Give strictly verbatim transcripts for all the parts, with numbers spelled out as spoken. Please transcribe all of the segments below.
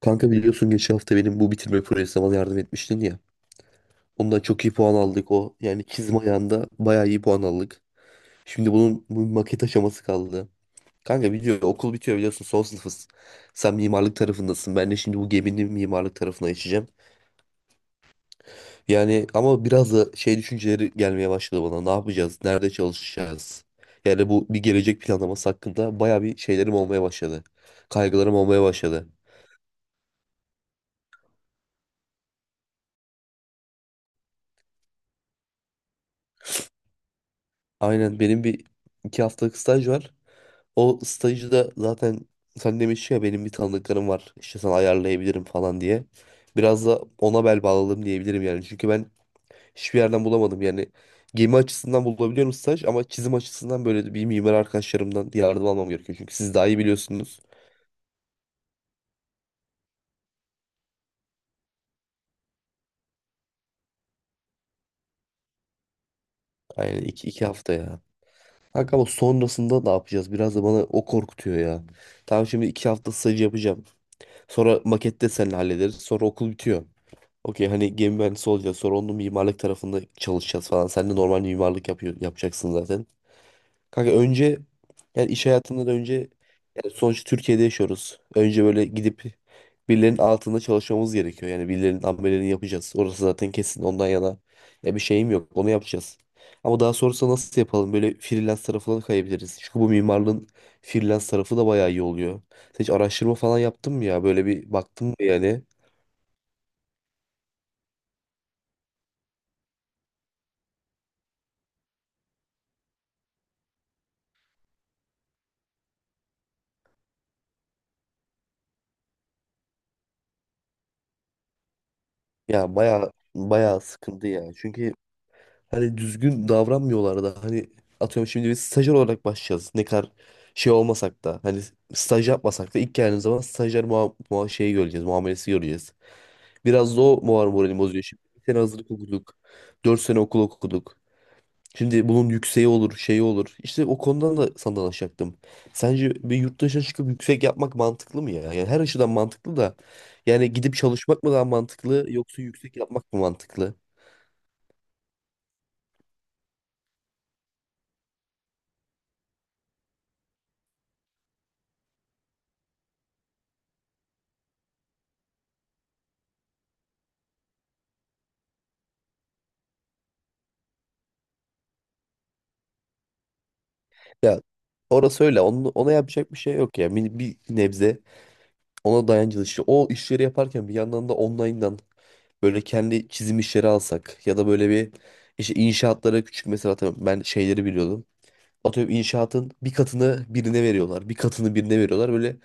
Kanka biliyorsun geçen hafta benim bu bitirme projesine bana yardım etmiştin ya. Ondan çok iyi puan aldık o. Yani çizim ayağında bayağı iyi puan aldık. Şimdi bunun bu maket aşaması kaldı. Kanka biliyor okul bitiyor biliyorsun son sınıfız. Sen mimarlık tarafındasın. Ben de şimdi bu geminin mimarlık tarafına geçeceğim. Yani ama biraz da şey düşünceleri gelmeye başladı bana. Ne yapacağız? Nerede çalışacağız? Yani bu bir gelecek planlaması hakkında bayağı bir şeylerim olmaya başladı. Kaygılarım olmaya başladı. Aynen benim bir iki haftalık staj var. O stajı da zaten sen demiştin ya benim bir tanıdıklarım var. İşte sana ayarlayabilirim falan diye. Biraz da ona bel bağladım diyebilirim yani. Çünkü ben hiçbir yerden bulamadım yani. Gemi açısından bulabiliyorum staj ama çizim açısından böyle bir mimar arkadaşlarımdan yardım almam gerekiyor. Çünkü siz daha iyi biliyorsunuz. Aynen iki, iki hafta ya. Kanka ama sonrasında ne yapacağız? Biraz da bana o korkutuyor ya. Tamam, şimdi iki hafta staj yapacağım. Sonra makette seninle hallederiz. Sonra okul bitiyor. Okey, hani gemi mühendisi olacağız. Sonra onun mimarlık tarafında çalışacağız falan. Sen de normal mimarlık yapıyor, yapacaksın zaten. Kanka önce yani iş hayatından önce yani sonuçta Türkiye'de yaşıyoruz. Önce böyle gidip birilerinin altında çalışmamız gerekiyor. Yani birilerinin ameliyatını yapacağız. Orası zaten kesin, ondan yana ya bir şeyim yok. Onu yapacağız. Ama daha sonrasında nasıl yapalım? Böyle freelance tarafına da kayabiliriz. Çünkü bu mimarlığın freelance tarafı da bayağı iyi oluyor. Sen hiç araştırma falan yaptın mı ya? Böyle bir baktın mı yani? Ya baya baya sıkıntı ya. Çünkü hani düzgün davranmıyorlar da, hani atıyorum şimdi biz stajyer olarak başlayacağız. Ne kadar şey olmasak da, hani staj yapmasak da ilk geldiğimiz zaman stajyer muha muha şeyi göreceğiz, muamelesi göreceğiz. Biraz da o muar moralimi bozuyor. Şimdi bir sene hazırlık okuduk. Dört sene okul okuduk. Şimdi bunun yükseği olur, şeyi olur. İşte o konudan da sana danışacaktım. Sence bir yurt dışına çıkıp yüksek yapmak mantıklı mı ya? Yani her açıdan mantıklı da. Yani gidip çalışmak mı daha mantıklı, yoksa yüksek yapmak mı mantıklı? Ya orası öyle. Onu, ona yapacak bir şey yok ya. Bir, bir nebze ona dayancılı işte. O işleri yaparken bir yandan da online'dan böyle kendi çizim işleri alsak ya da böyle bir işte inşaatlara küçük, mesela atıyorum ben şeyleri biliyordum, atıyorum inşaatın bir katını birine veriyorlar. Bir katını birine veriyorlar. Böyle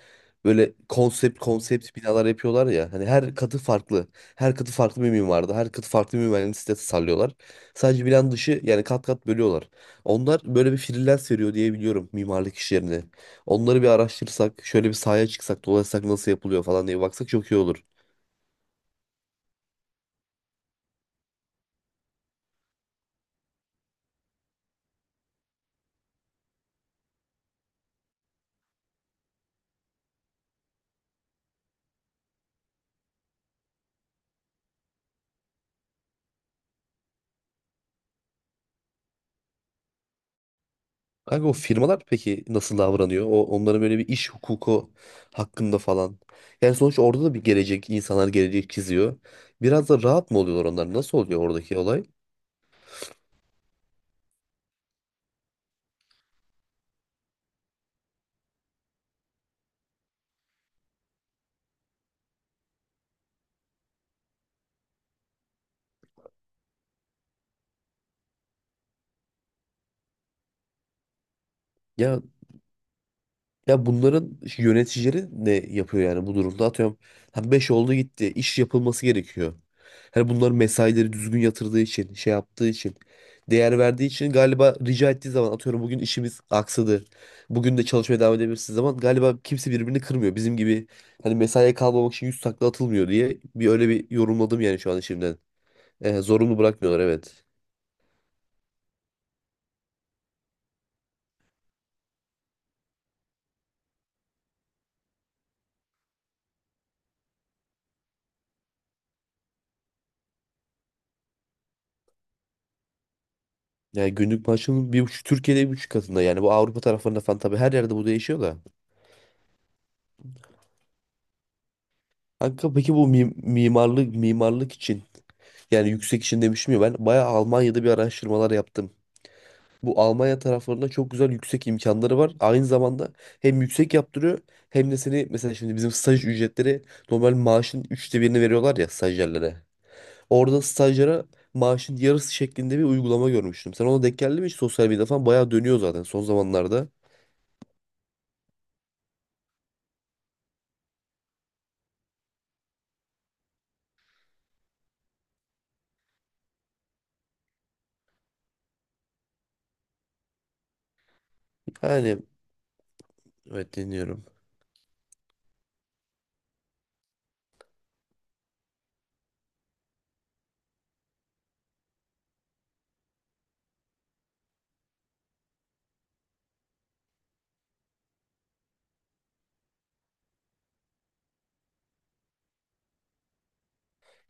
böyle konsept konsept binalar yapıyorlar ya. Hani her katı farklı. Her katı farklı bir mimarda. Her katı farklı bir mühendislikte sitesi tasarlıyorlar. Sadece binanın dışı, yani kat kat bölüyorlar. Onlar böyle bir freelance veriyor diye biliyorum mimarlık işlerine. Onları bir araştırsak, şöyle bir sahaya çıksak, dolaşsak nasıl yapılıyor falan diye baksak çok iyi olur. Kanka, o firmalar peki nasıl davranıyor? O onların böyle bir iş hukuku hakkında falan. Yani sonuçta orada da bir gelecek, insanlar gelecek çiziyor. Biraz da rahat mı oluyorlar onlar? Nasıl oluyor oradaki olay? Ya Ya bunların yöneticileri ne yapıyor yani bu durumda? Atıyorum hani beş oldu, gitti. İş yapılması gerekiyor. Hani bunlar mesaileri düzgün yatırdığı için, şey yaptığı için, değer verdiği için galiba rica ettiği zaman atıyorum, bugün işimiz aksadı. Bugün de çalışmaya devam edebilirsiniz zaman galiba kimse birbirini kırmıyor. Bizim gibi hani mesaiye kalmamak için yüz takla atılmıyor diye bir öyle bir yorumladım yani şu an şimdiden. Ee, zorunlu bırakmıyorlar, evet. Yani günlük maaşının bir buçuk, Türkiye'de bir buçuk katında yani, bu Avrupa taraflarında falan tabii her yerde bu değişiyor da. Kanka peki bu mi- mimarlık mimarlık için, yani yüksek için demiştim ya, ben bayağı Almanya'da bir araştırmalar yaptım. Bu Almanya taraflarında çok güzel yüksek imkanları var. Aynı zamanda hem yüksek yaptırıyor hem de seni, mesela şimdi bizim staj ücretleri normal maaşın üçte birini veriyorlar ya stajyerlere. Orada stajyere maaşın yarısı şeklinde bir uygulama görmüştüm. Sen ona denk geldi mi hiç? Sosyal medyada falan bayağı dönüyor zaten son zamanlarda. Yani evet, dinliyorum.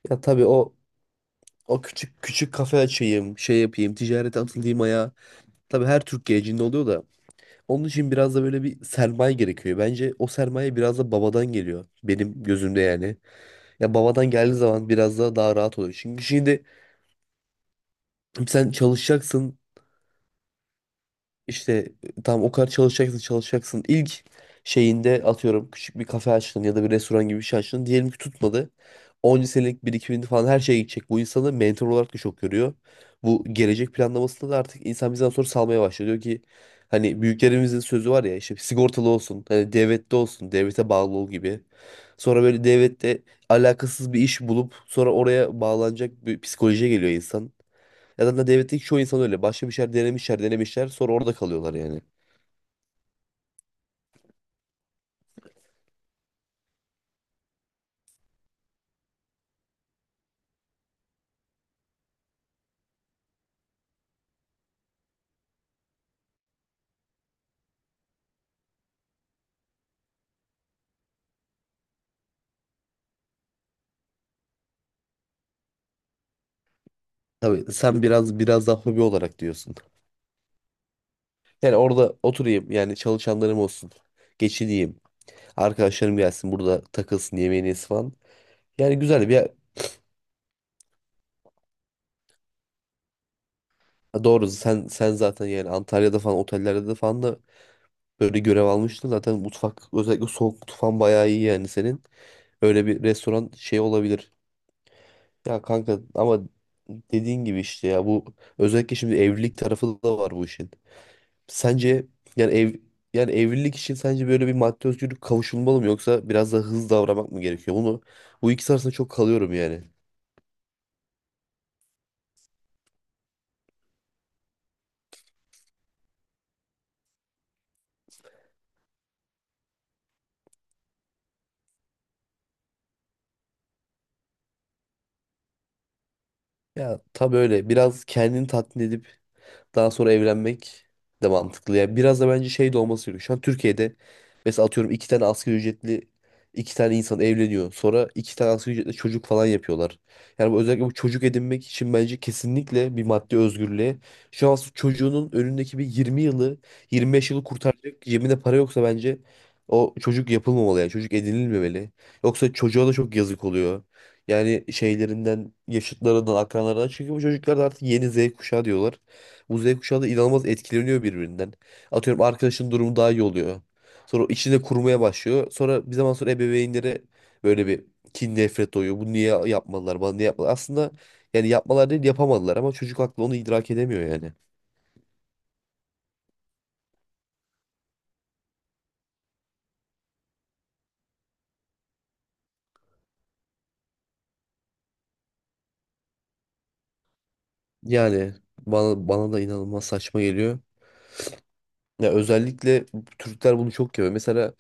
Ya tabii o o küçük küçük kafe açayım, şey yapayım, ticarete atılayım ayağa. Tabii her Türk gencinde oluyor da. Onun için biraz da böyle bir sermaye gerekiyor. Bence o sermaye biraz da babadan geliyor. Benim gözümde yani. Ya babadan geldiği zaman biraz da daha rahat oluyor. Çünkü şimdi sen çalışacaksın. İşte tam o kadar çalışacaksın çalışacaksın. İlk şeyinde atıyorum küçük bir kafe açtın ya da bir restoran gibi bir şey açtın. Diyelim ki tutmadı. on senelik birikimin falan her şeye gidecek. Bu insanı mentor olarak da çok görüyor. Bu gelecek planlamasında da artık insan bizden sonra salmaya başlıyor. Diyor ki hani büyüklerimizin sözü var ya, işte sigortalı olsun. Hani devlette olsun. Devlete bağlı ol gibi. Sonra böyle devlette alakasız bir iş bulup sonra oraya bağlanacak bir psikolojiye geliyor insan. Ya zaten devletteki çoğu insan öyle. Başka bir şeyler denemişler, denemişler. Sonra orada kalıyorlar yani. Tabii sen biraz biraz daha hobi olarak diyorsun. Yani orada oturayım, yani çalışanlarım olsun. Geçineyim. Arkadaşlarım gelsin, burada takılsın, yemeğini yesin falan. Yani güzel bir doğru, sen sen zaten yani Antalya'da falan otellerde de falan da böyle görev almıştın. Zaten mutfak, özellikle soğuk mutfağın bayağı iyi yani senin. Öyle bir restoran şey olabilir. Ya kanka ama dediğin gibi işte ya bu, özellikle şimdi evlilik tarafı da var bu işin. Sence yani ev, yani evlilik için sence böyle bir maddi özgürlük kavuşulmalı mı, yoksa biraz daha hızlı davranmak mı gerekiyor? Bunu, bu ikisi arasında çok kalıyorum yani. Ya tabii öyle, biraz kendini tatmin edip daha sonra evlenmek de mantıklı. Yani biraz da bence şey de olması gerekiyor. Şu an Türkiye'de mesela atıyorum iki tane asgari ücretli iki tane insan evleniyor. Sonra iki tane asgari ücretli çocuk falan yapıyorlar. Yani bu, özellikle bu çocuk edinmek için bence kesinlikle bir maddi özgürlüğe. Şu an çocuğunun önündeki bir yirmi yılı yirmi beş yılı kurtaracak cebinde para yoksa bence o çocuk yapılmamalı, yani çocuk edinilmemeli. Yoksa çocuğa da çok yazık oluyor. Yani şeylerinden, yaşıtlarından, akranlarından. Çünkü bu çocuklar da artık yeni Z kuşağı diyorlar. Bu Z kuşağı da inanılmaz etkileniyor birbirinden. Atıyorum arkadaşın durumu daha iyi oluyor. Sonra o içinde kurmaya başlıyor. Sonra bir zaman sonra ebeveynlere böyle bir kin, nefret doğuyor. Bu niye yapmadılar, bana niye yapmadılar. Aslında yani yapmalar değil, yapamadılar ama çocuk aklı onu idrak edemiyor yani. Yani bana, bana da inanılmaz saçma geliyor. Ya özellikle Türkler bunu çok yapıyor. Mesela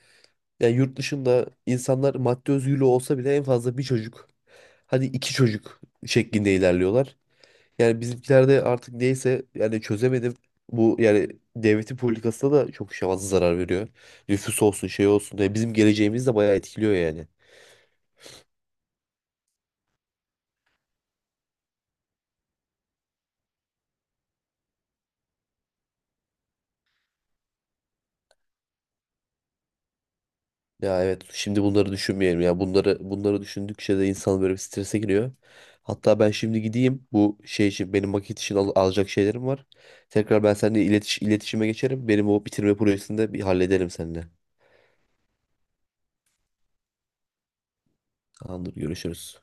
yani yurt dışında insanlar maddi özgürlüğü olsa bile en fazla bir çocuk, hadi iki çocuk şeklinde ilerliyorlar. Yani bizimkilerde artık neyse yani çözemedim. Bu, yani devletin politikasına da çok şey fazla zarar veriyor. Nüfus olsun, şey olsun. Yani bizim geleceğimiz de bayağı etkiliyor yani. Ya evet, şimdi bunları düşünmeyelim ya. Bunları bunları düşündükçe de insan böyle bir strese giriyor. Hatta ben şimdi gideyim, bu şey için, benim maket için al- alacak şeylerim var. Tekrar ben seninle iletiş iletişime geçerim. Benim o bitirme projesini de bir hallederim seninle. Tamamdır, görüşürüz.